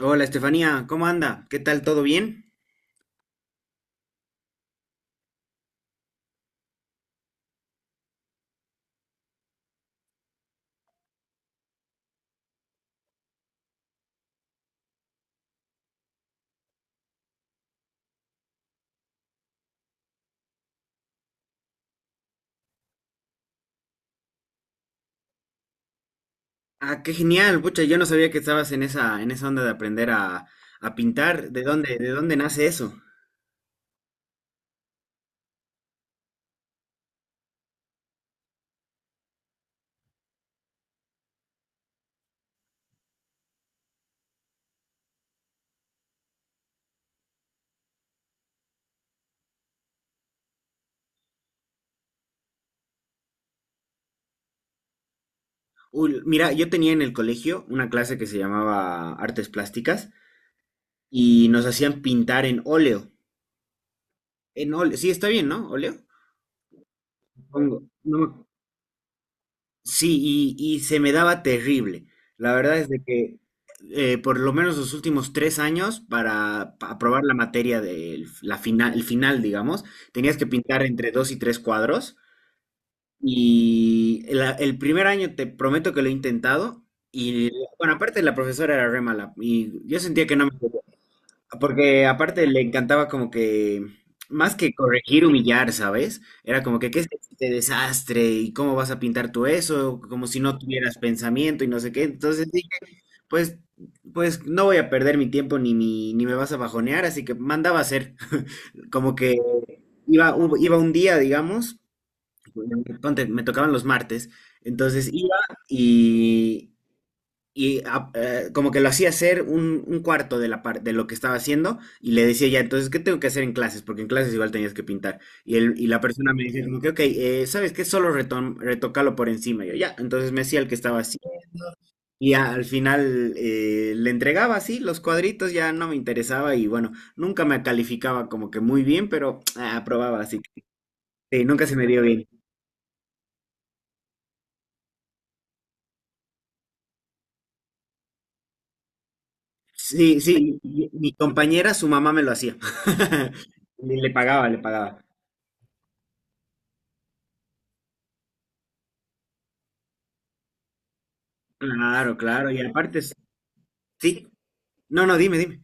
Hola Estefanía, ¿cómo anda? ¿Qué tal? ¿Todo bien? Ah, qué genial, pucha, yo no sabía que estabas en esa onda de aprender a pintar. ¿De dónde nace eso? Uy, mira, yo tenía en el colegio una clase que se llamaba Artes Plásticas y nos hacían pintar en óleo. En óleo, sí, está bien, ¿no? ¿Óleo? Supongo. No. Sí, y se me daba terrible. La verdad es de que por lo menos los últimos 3 años para aprobar la materia el final, digamos, tenías que pintar entre dos y tres cuadros. Y el primer año te prometo que lo he intentado. Y bueno, aparte la profesora era re mala y yo sentía que no me... Porque aparte le encantaba como que, más que corregir, humillar, ¿sabes? Era como que, ¿qué es este desastre? ¿Y cómo vas a pintar tú eso? Como si no tuvieras pensamiento y no sé qué. Entonces dije, pues, pues no voy a perder mi tiempo ni me vas a bajonear, así que mandaba a hacer. Como que iba un día, digamos, ponte, me tocaban los martes, entonces iba y, y como que lo hacía hacer un cuarto de lo que estaba haciendo y le decía ya, entonces, ¿qué tengo que hacer en clases? Porque en clases igual tenías que pintar. Y la persona me decía como que, ok, ¿sabes qué? Solo retócalo por encima. Y yo, ya, entonces me hacía el que estaba así. Y al final le entregaba así los cuadritos, ya no me interesaba y bueno, nunca me calificaba como que muy bien, pero aprobaba así. Sí, nunca se me dio bien. Sí, sí, y mi compañera, su mamá me lo hacía. Le le pagaba, le pagaba. Claro, claro, y aparte, sí, no, no, dime, dime.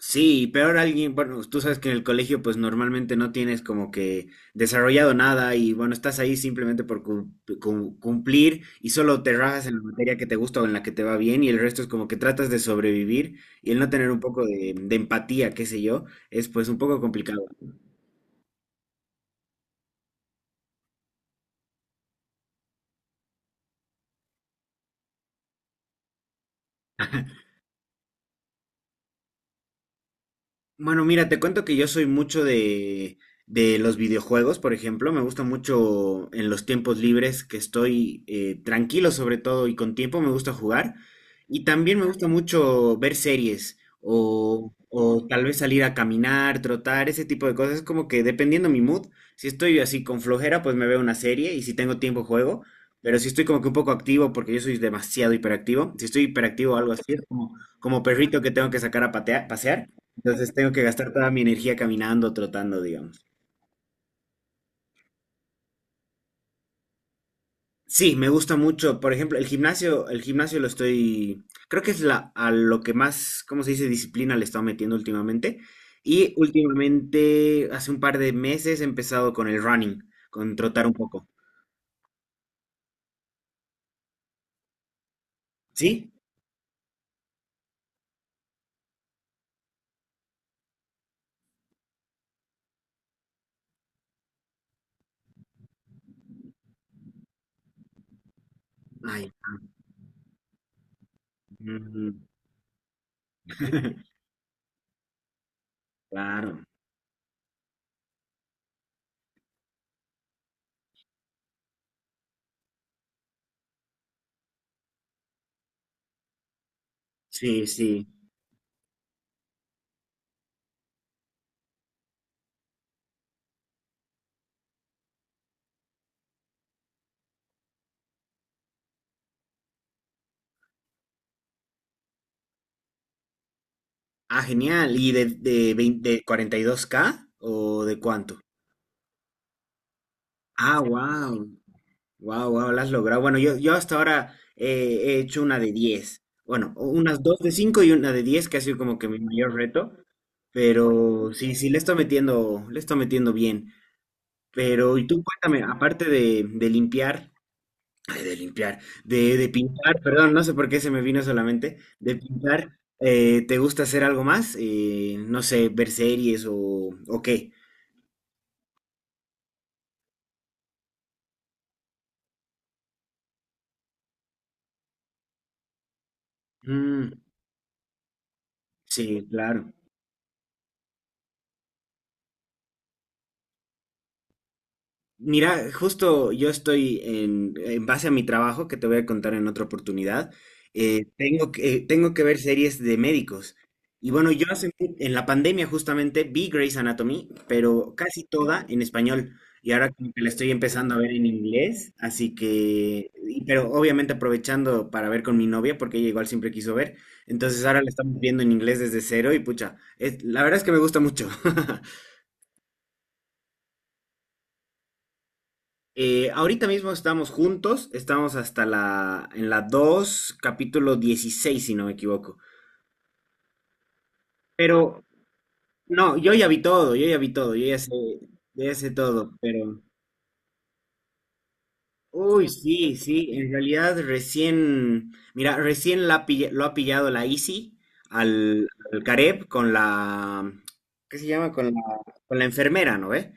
Sí, y peor alguien, bueno, tú sabes que en el colegio pues normalmente no tienes como que desarrollado nada y bueno, estás ahí simplemente por cumplir y solo te rajas en la materia que te gusta o en la que te va bien y el resto es como que tratas de sobrevivir y el no tener un poco de empatía, qué sé yo, es pues un poco complicado. Bueno, mira, te cuento que yo soy mucho de los videojuegos, por ejemplo. Me gusta mucho en los tiempos libres que estoy tranquilo sobre todo y con tiempo me gusta jugar. Y también me gusta mucho ver series o tal vez salir a caminar, trotar, ese tipo de cosas. Es como que dependiendo mi mood, si estoy así con flojera, pues me veo una serie y si tengo tiempo juego. Pero si estoy como que un poco activo, porque yo soy demasiado hiperactivo, si estoy hiperactivo o algo así, es como perrito que tengo que sacar a pasear. Entonces tengo que gastar toda mi energía caminando, trotando, digamos. Sí, me gusta mucho. Por ejemplo, el gimnasio lo estoy, creo que es a lo que más, ¿cómo se dice? Disciplina le he estado metiendo últimamente. Y últimamente, hace un par de meses, he empezado con el running, con trotar un poco. ¿Sí? Ay. Ujú. Claro. Sí, sí. Ah, genial. ¿Y 20 de 42K o de cuánto? Ah, wow. Wow, wow, lo has logrado. Bueno, yo hasta ahora he hecho una de 10. Bueno, o unas dos de 5 y una de 10 que ha sido como que mi mayor reto. Pero sí, sí, le estoy metiendo bien. Pero, y tú cuéntame, aparte de limpiar, ay, de limpiar, de pintar, perdón, no sé por qué se me vino solamente, de pintar, ¿te gusta hacer algo más? No sé, ver series o qué. Mm, sí, claro. Mira, justo yo estoy en base a mi trabajo, que te voy a contar en otra oportunidad, tengo que ver series de médicos. Y bueno, yo hace en la pandemia justamente vi Grey's Anatomy, pero casi toda en español. Y ahora como que la estoy empezando a ver en inglés, así que, pero obviamente aprovechando para ver con mi novia, porque ella igual siempre quiso ver. Entonces ahora la estamos viendo en inglés desde cero y pucha, la verdad es que me gusta mucho. Ahorita mismo estamos juntos, estamos en la 2 capítulo 16 si no me equivoco. Pero, no, yo ya vi todo, yo ya vi todo, yo ya sé todo, pero... Uy, sí, sí, en realidad recién, mira, recién lo ha pillado la Easy al Gareb con la, ¿qué se llama? Con la enfermera, ¿no ve?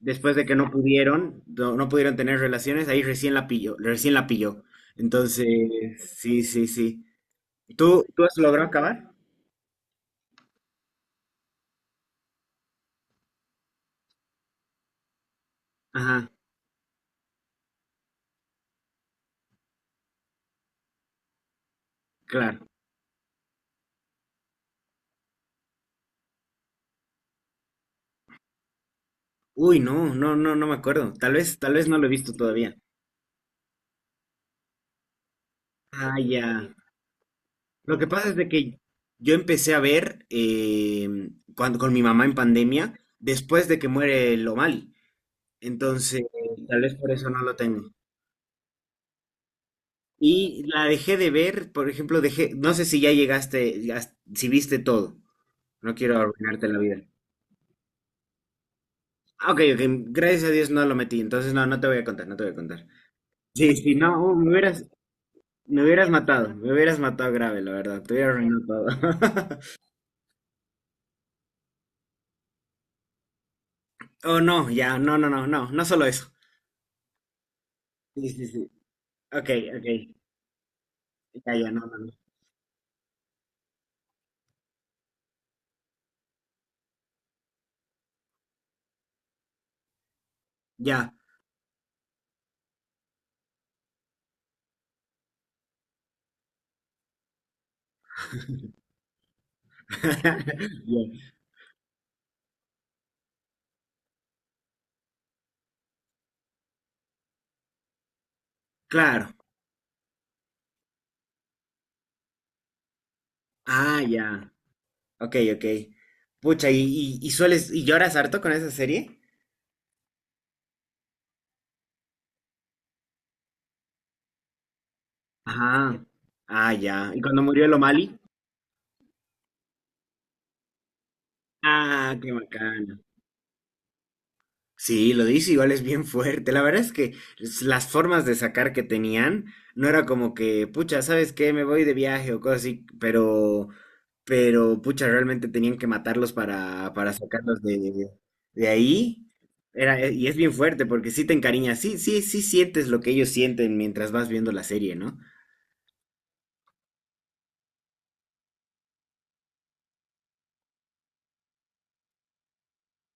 Después de que no pudieron tener relaciones, ahí recién la pilló, recién la pilló. Entonces, sí, sí, sí. ¿Tú has logrado acabar? Ajá, claro. Uy, no, no, no, no me acuerdo. Tal vez no lo he visto todavía. Ah, ya. Lo que pasa es de que yo empecé a ver con mi mamá en pandemia, después de que muere Lomali. Entonces, tal vez por eso no lo tengo. Y la dejé de ver, por ejemplo, dejé, no sé si ya llegaste, si viste todo. No quiero arruinarte la vida. Ah, Ok, ok, gracias a Dios no lo metí, entonces no, no te voy a contar, no te voy a contar. Sí, sí, no, me hubieras matado, me hubieras matado grave, la verdad, te hubiera arruinado todo. Oh, no, ya, no, no, no, no, no solo eso. Sí, sí, sí. Ok, ok, ya, ya, no, no, no. Ya. Ya. Claro. Ah, ya. Ok, ok. Pucha, ¿y lloras harto con esa serie? Ajá. Ah, ya. ¿Y cuando murió el O'Malley? Ah, qué bacán. Sí, lo dice igual es bien fuerte. La verdad es que las formas de sacar que tenían no era como que, pucha, ¿sabes qué? Me voy de viaje o cosas así, pero, pucha, realmente tenían que matarlos para sacarlos de ahí. Era, y es bien fuerte porque sí te encariñas, sí, sí, sí sientes lo que ellos sienten mientras vas viendo la serie, ¿no?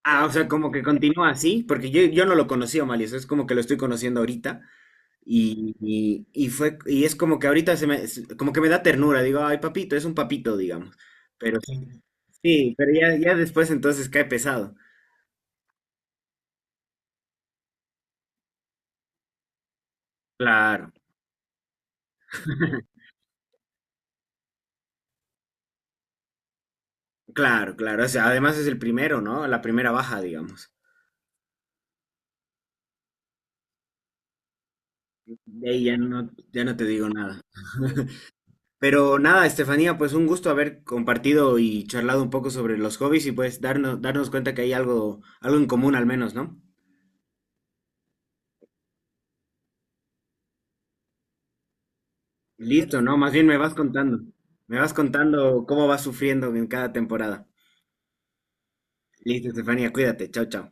Ah, o sea, como que continúa así, porque yo no lo conocía, Malio, o sea, es como que lo estoy conociendo ahorita. Y es como que ahorita como que me da ternura, digo, ay, papito, es un papito, digamos. Pero sí, sí, pero ya, ya después entonces cae pesado. Claro, claro, claro. O sea, además es el primero, ¿no? La primera baja, digamos. De ahí ya no, ya no te digo nada. Pero nada, Estefanía, pues un gusto haber compartido y charlado un poco sobre los hobbies y pues darnos cuenta que hay algo, algo en común al menos, ¿no? Listo, no, más bien me vas contando. Me vas contando cómo vas sufriendo en cada temporada. Listo, Estefanía, cuídate. Chao, chao.